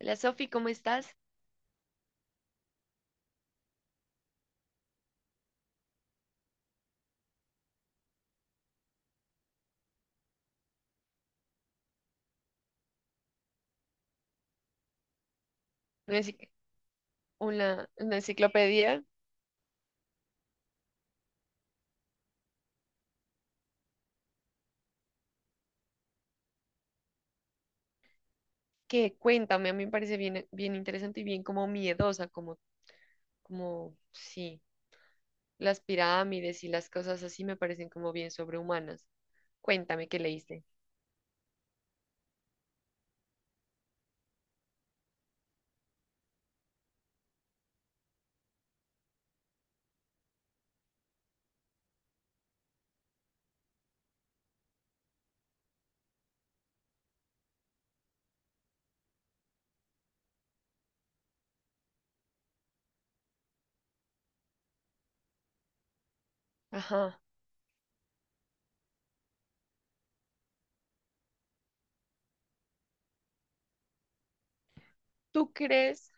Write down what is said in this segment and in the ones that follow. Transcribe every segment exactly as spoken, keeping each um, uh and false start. Hola Sofi, ¿cómo estás? Una, encic- una- una enciclopedia. Que Cuéntame, a mí me parece bien, bien interesante y bien como miedosa, como, como, sí, las pirámides y las cosas así me parecen como bien sobrehumanas. Cuéntame qué leíste. Ajá. ¿Tú crees?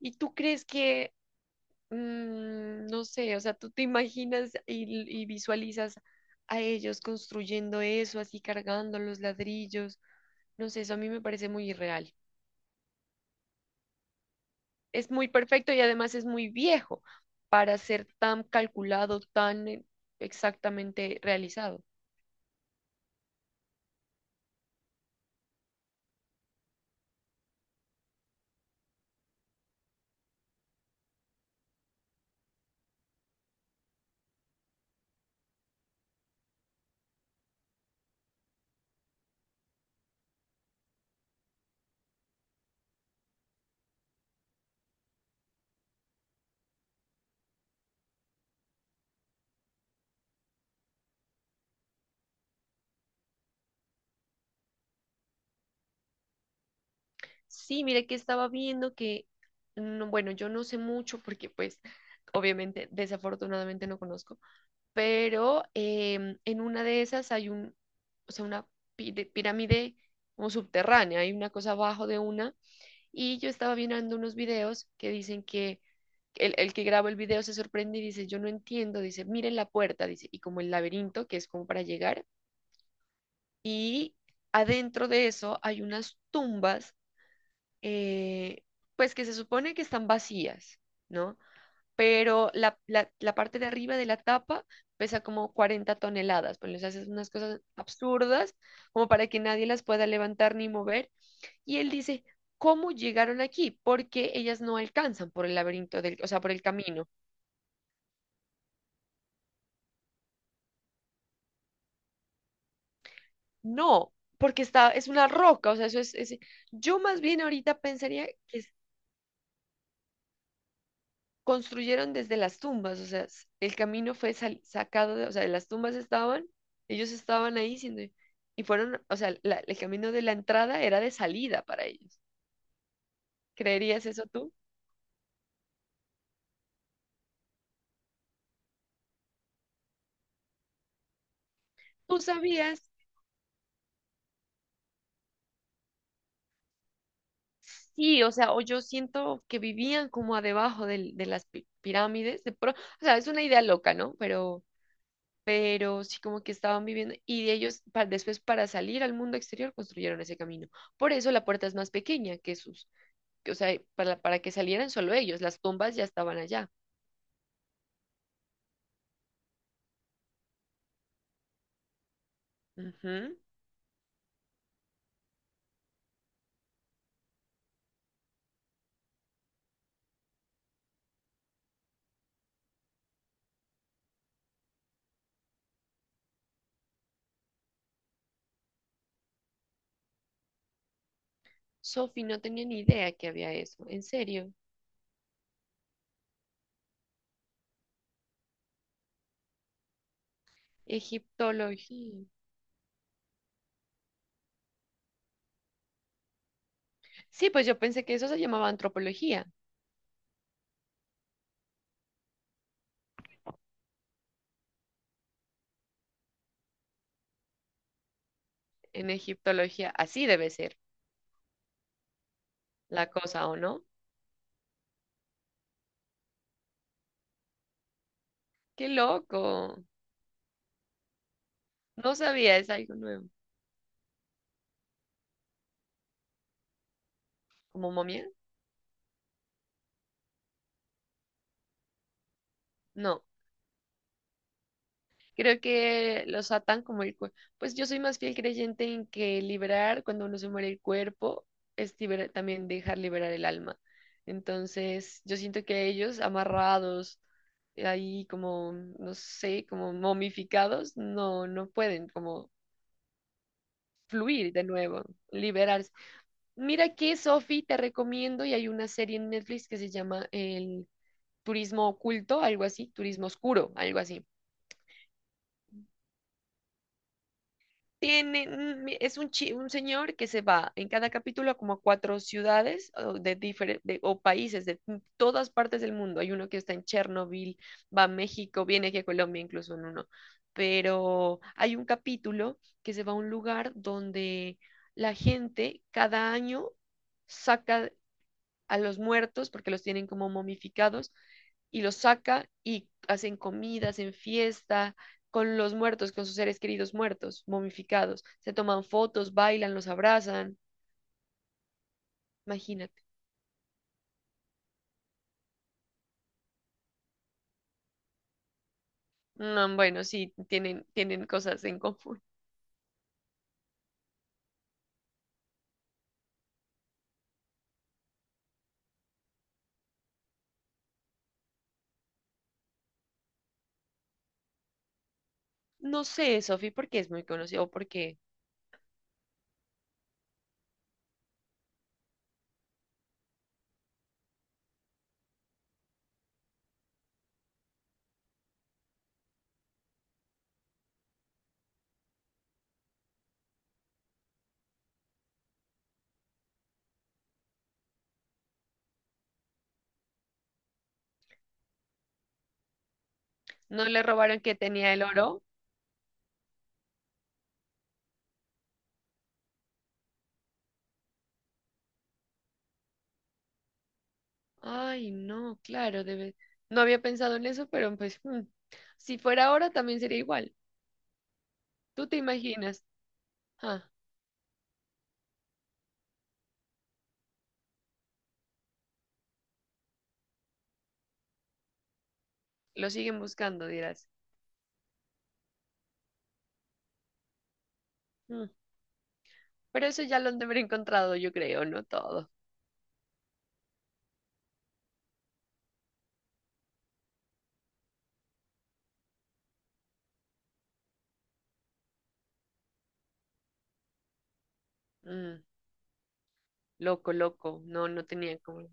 ¿Y tú crees que, mm, no sé? O sea, ¿tú te imaginas y, y visualizas a ellos construyendo eso, así cargando los ladrillos? No sé, eso a mí me parece muy irreal. Es muy perfecto y además es muy viejo para ser tan calculado, tan eh, exactamente realizado. Sí, mire que estaba viendo que, no, bueno, yo no sé mucho porque pues obviamente desafortunadamente no conozco, pero em, en una de esas hay un, o sea, una pi- de- pirámide como subterránea, hay una cosa abajo de una. Y yo estaba mirando unos videos que dicen que el, el que grabó el video se sorprende y dice, yo no entiendo, dice, miren la puerta, dice, y como el laberinto, que es como para llegar, y adentro de eso hay unas tumbas, eh, pues que se supone que están vacías, ¿no? Pero la, la, la parte de arriba de la tapa pesa como cuarenta toneladas, pues les haces unas cosas absurdas como para que nadie las pueda levantar ni mover. Y él dice, ¿cómo llegaron aquí? Porque ellas no alcanzan por el laberinto del, o sea, por el camino. No, porque está, es una roca, o sea, eso es, es- yo más bien ahorita pensaría que es, construyeron desde las tumbas, o sea, s- el camino fue sal- sacado, de, o sea, las tumbas estaban, ellos estaban ahí siendo- y fueron, o sea, la- el camino de la entrada era de salida para ellos. ¿Creerías eso tú? ¿Tú sabías? Sí, o sea, o yo siento que vivían como a debajo del- de las pi- pirámides, de pro- o sea, es una idea loca, ¿no? Pero, pero sí, como que estaban viviendo y de ellos pa- después, para salir al mundo exterior construyeron ese camino. Por eso la puerta es más pequeña que sus, o sea, para, para que salieran solo ellos; las tumbas ya estaban allá. Ujú. Sophie, no tenía ni idea que había eso, en serio. Egiptología. Sí, pues yo pensé que eso se llamaba antropología. En egiptología, así debe ser la cosa, ¿o no? ¡Qué loco! No sabía, es algo nuevo. ¿Como momia? No. Creo que los atan como el cuerpo. Pues yo soy más fiel creyente en que liberar cuando uno se muere el cuerpo es libera- también dejar liberar el alma. Entonces, yo siento que ellos amarrados eh, ahí como, no sé, como momificados, no, no pueden como fluir de nuevo, liberarse. Mira que, Sofi, te recomiendo y hay una serie en Netflix que se llama El Turismo Oculto, algo así, Turismo Oscuro, algo así. Tiene, mm, mi- es un, chi- un señor que se va en cada capítulo a como a cuatro ciudades o, de difere- de- o países de todas partes del mundo. Hay uno que está en Chernobyl, va a México, viene aquí a Colombia, incluso en uno. Pero hay un capítulo que se va a un lugar donde la gente cada año saca a los muertos, porque los tienen como momificados, y los saca y hacen comida, hacen fiesta con los muertos, con sus seres queridos muertos, momificados. Se toman fotos, bailan, los abrazan. Imagínate. No, bueno, sí, tienen, tienen cosas en común. No sé, Sofi, por qué es muy conocido, o porque no le robaron, que tenía el oro. Ay, no, claro, debe. No había pensado en eso, pero pues, mm, si fuera ahora también sería igual. Tú te imaginas. Ah, lo siguen buscando, dirás. Mm, Pero eso ya lo han de haber encontrado, yo creo, no todo. Mm, loco, loco. No, no tenía como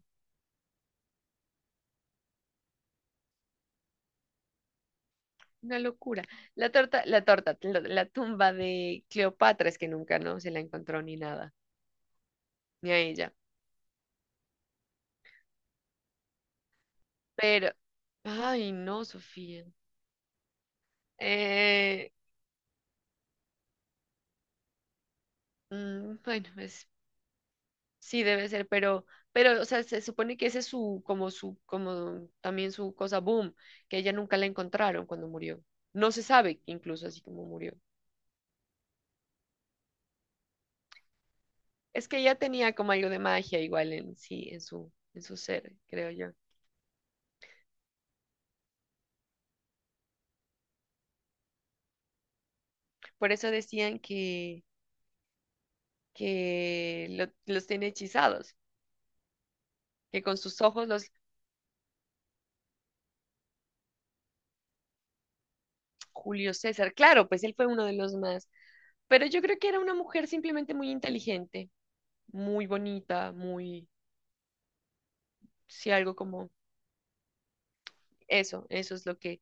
una locura. La torta, la torta, lo- la tumba de Cleopatra es que nunca no se la encontró ni nada, ni a ella. Pero, ay, no, Sofía. Eh, mm, bueno, es, sí debe ser, pero, pero, o sea, se supone que ese es su, como su, como también su cosa boom, que ella nunca la encontraron cuando murió. No se sabe incluso así como murió. Es que ya tenía como algo de magia igual en sí, en su, en su ser, creo yo. Por eso decían que, que lo- los tiene hechizados, que con sus ojos los... Julio César, claro, pues él fue uno de los más, pero yo creo que era una mujer simplemente muy inteligente, muy bonita, muy, sí, algo como eso, eso es lo que,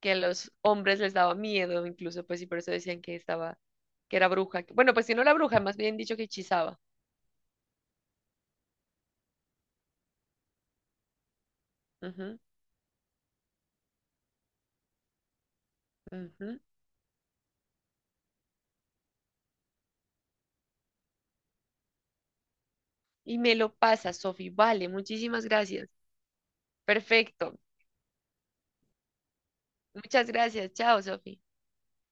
que a los hombres les daba miedo incluso, pues y por eso decían que estaba, que era bruja. Bueno, pues si no era bruja, más bien dicho que hechizaba. Ujú, ujú. Y me lo pasa, Sofi. Vale, muchísimas gracias. Perfecto. Muchas gracias. Chao, Sofi.